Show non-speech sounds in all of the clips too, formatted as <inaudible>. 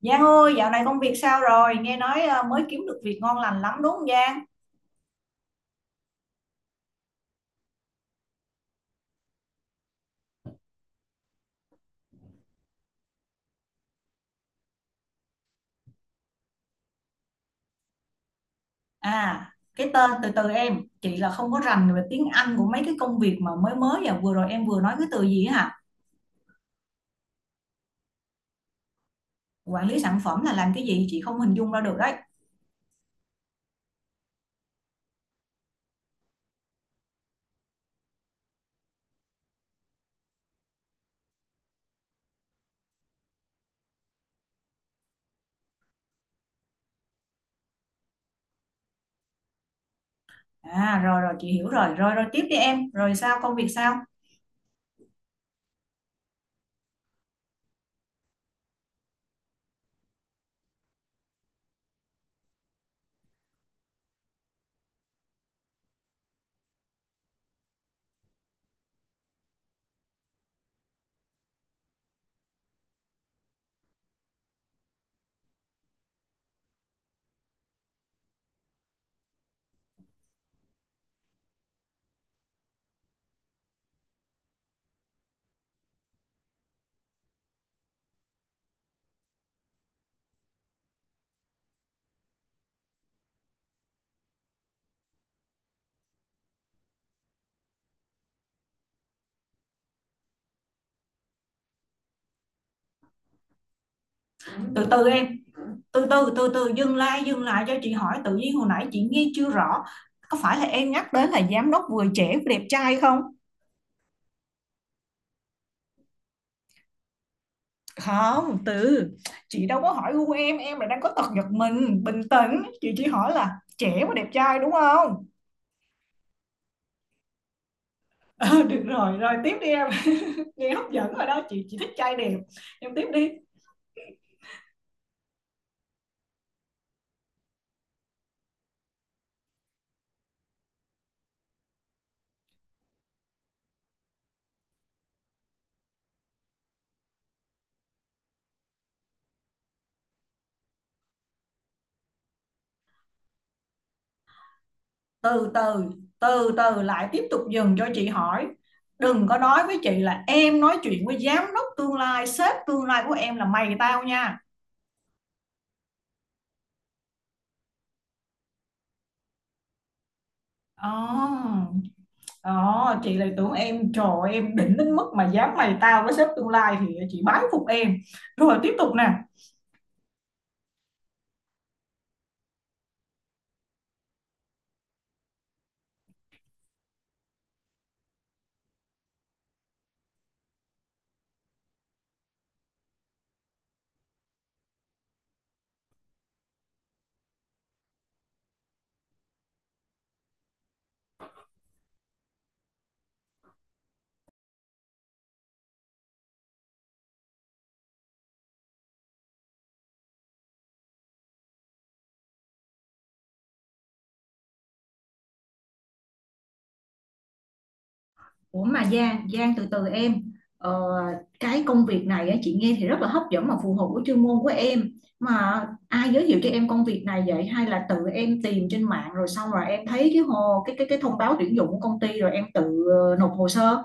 Giang ơi, dạo này công việc sao rồi? Nghe nói mới kiếm được việc ngon lành lắm đúng không Giang? À, cái tên từ từ em, chị là không có rành về tiếng Anh của mấy cái công việc mà mới mới và vừa rồi em vừa nói cái từ gì á hả? Quản lý sản phẩm là làm cái gì chị không hình dung ra được đấy. À, rồi rồi chị hiểu rồi, rồi rồi tiếp đi em, rồi sao công việc sao? Từ từ em, từ từ dừng lại cho chị hỏi, tự nhiên hồi nãy chị nghe chưa rõ. Có phải là em nhắc đến là giám đốc vừa trẻ vừa đẹp trai không? Không, từ chị đâu có hỏi gu em là đang có tật giật mình, bình tĩnh, chị chỉ hỏi là trẻ và đẹp trai đúng không? <laughs> Ờ, được rồi, rồi tiếp đi em. <laughs> Nghe hấp dẫn rồi đó, chị thích trai đẹp, em tiếp đi. Từ từ từ từ lại tiếp tục dừng cho chị hỏi, đừng có nói với chị là em nói chuyện với giám đốc tương lai, sếp tương lai của em là mày tao nha. Oh, chị lại tưởng em, trời ơi, em đỉnh đến mức mà dám mày tao với sếp tương lai thì chị bái phục em. Rồi tiếp tục nè. Ủa mà Giang, Giang từ từ em, ờ, cái công việc này á, chị nghe thì rất là hấp dẫn mà phù hợp với chuyên môn của em, mà ai giới thiệu cho em công việc này vậy, hay là tự em tìm trên mạng rồi xong rồi em thấy cái hồ, cái thông báo tuyển dụng của công ty rồi em tự nộp hồ sơ?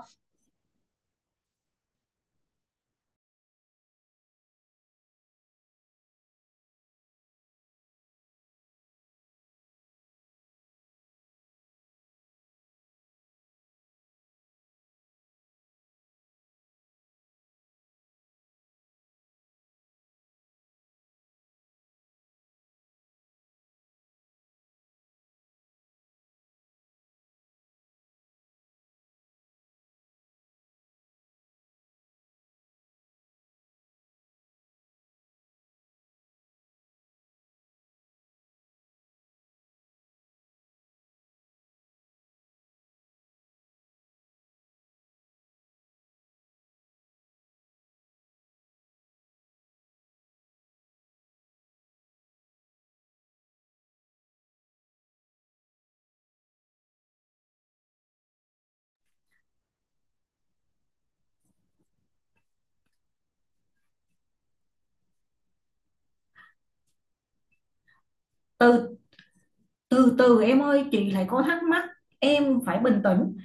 Từ từ từ em ơi, chị lại có thắc mắc, em phải bình tĩnh,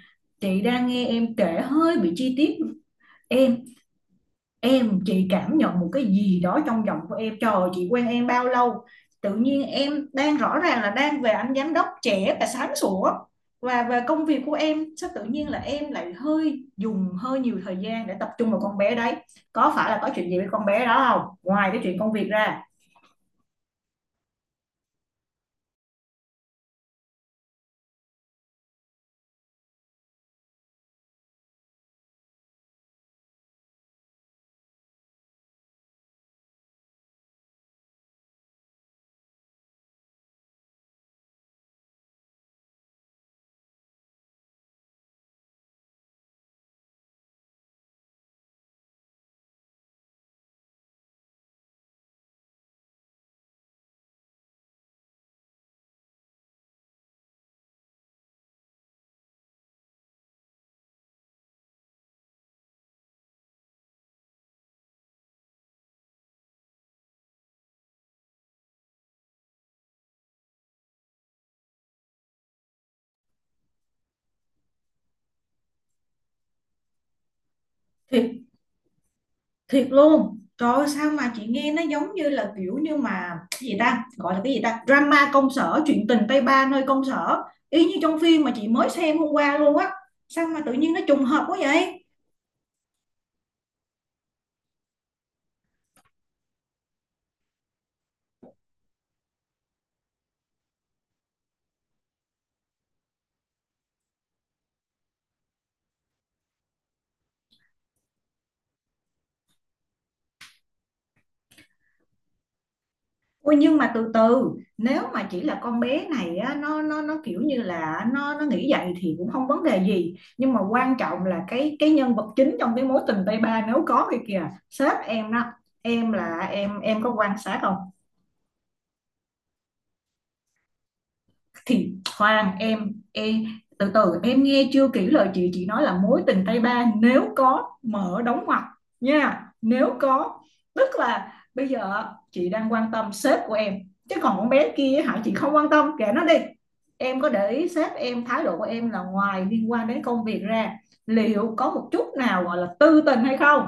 chị đang nghe em kể hơi bị chi tiết em. Em, chị cảm nhận một cái gì đó trong giọng của em. Trời ơi, chị quen em bao lâu? Tự nhiên em đang rõ ràng là đang về anh giám đốc trẻ và sáng sủa. Và về công việc của em, sao tự nhiên là em lại hơi dùng hơi nhiều thời gian để tập trung vào con bé đấy. Có phải là có chuyện gì với con bé đó không? Ngoài cái chuyện công việc ra. Thì thiệt luôn trời ơi, sao mà chị nghe nó giống như là kiểu như mà cái gì ta gọi là cái gì ta drama công sở, chuyện tình tay ba nơi công sở, y như trong phim mà chị mới xem hôm qua luôn á, sao mà tự nhiên nó trùng hợp quá vậy. Ôi nhưng mà từ từ, nếu mà chỉ là con bé này á, nó kiểu như là nó nghĩ vậy thì cũng không vấn đề gì, nhưng mà quan trọng là cái nhân vật chính trong cái mối tình tay ba nếu có thì kìa, sếp em đó, em là em có quan sát không? Thì khoan em, từ từ em nghe chưa kỹ lời chị nói là mối tình tay ba nếu có, mở đóng ngoặc nha, nếu có. Tức là bây giờ chị đang quan tâm sếp của em, chứ còn con bé kia hả chị không quan tâm, kệ nó đi. Em có để ý sếp em, thái độ của em là ngoài liên quan đến công việc ra, liệu có một chút nào gọi là tư tình hay không?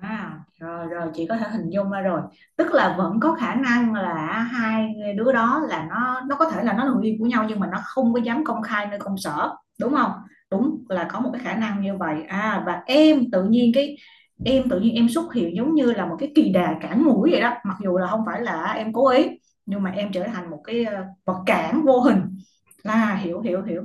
À, rồi rồi chị có thể hình dung ra rồi, tức là vẫn có khả năng là hai đứa đó là nó có thể là nó là người yêu của nhau nhưng mà nó không có dám công khai nơi công sở đúng không? Đúng là có một cái khả năng như vậy. À, và em tự nhiên cái, em tự nhiên em xuất hiện giống như là một cái kỳ đà cản mũi vậy đó, mặc dù là không phải là em cố ý, nhưng mà em trở thành một cái vật cản vô hình, là hiểu hiểu hiểu.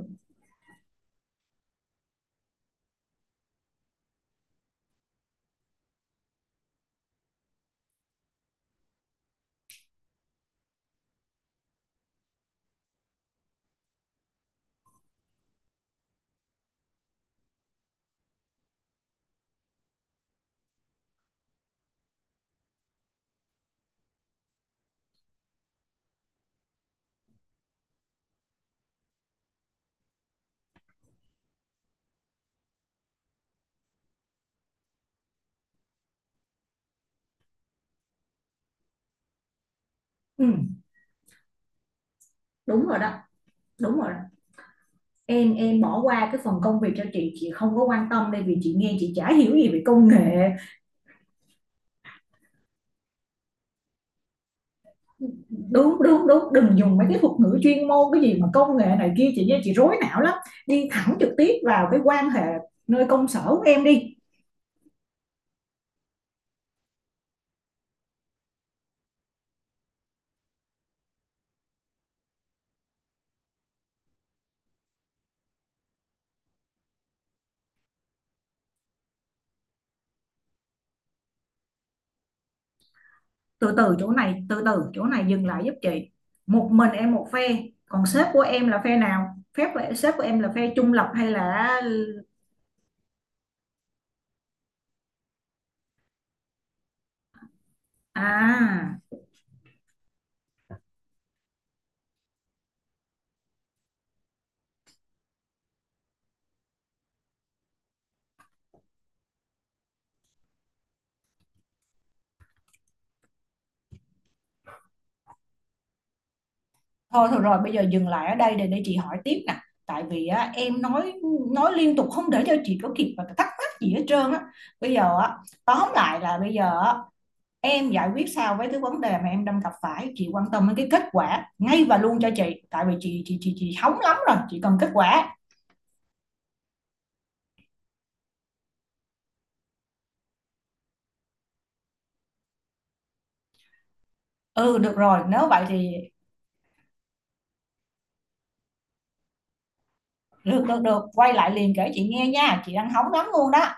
Ừ. Đúng rồi đó. Đúng rồi đó, em bỏ qua cái phần công việc cho chị không có quan tâm đây vì chị nghe chị chả hiểu gì về công nghệ. Đúng đúng đúng, đừng dùng mấy cái thuật ngữ chuyên môn cái gì mà công nghệ này kia chị nghe chị rối não lắm, đi thẳng trực tiếp vào cái quan hệ nơi công sở của em đi. Từ từ chỗ này, từ từ chỗ này dừng lại giúp chị, một mình em một phe, còn sếp của em là phe nào, phép của sếp của em là phe trung lập hay là à. Thôi thôi rồi bây giờ dừng lại ở đây để chị hỏi tiếp nè. Tại vì á, em nói liên tục không để cho chị có kịp và thắc mắc gì hết trơn á. Bây giờ á, tóm lại là bây giờ á, em giải quyết sao với cái vấn đề mà em đang gặp phải, chị quan tâm đến cái kết quả ngay và luôn cho chị. Tại vì chị hóng lắm rồi, chị cần kết quả. Ừ được rồi, nếu vậy thì được được được, quay lại liền kể chị nghe nha, chị đang hóng lắm luôn đó.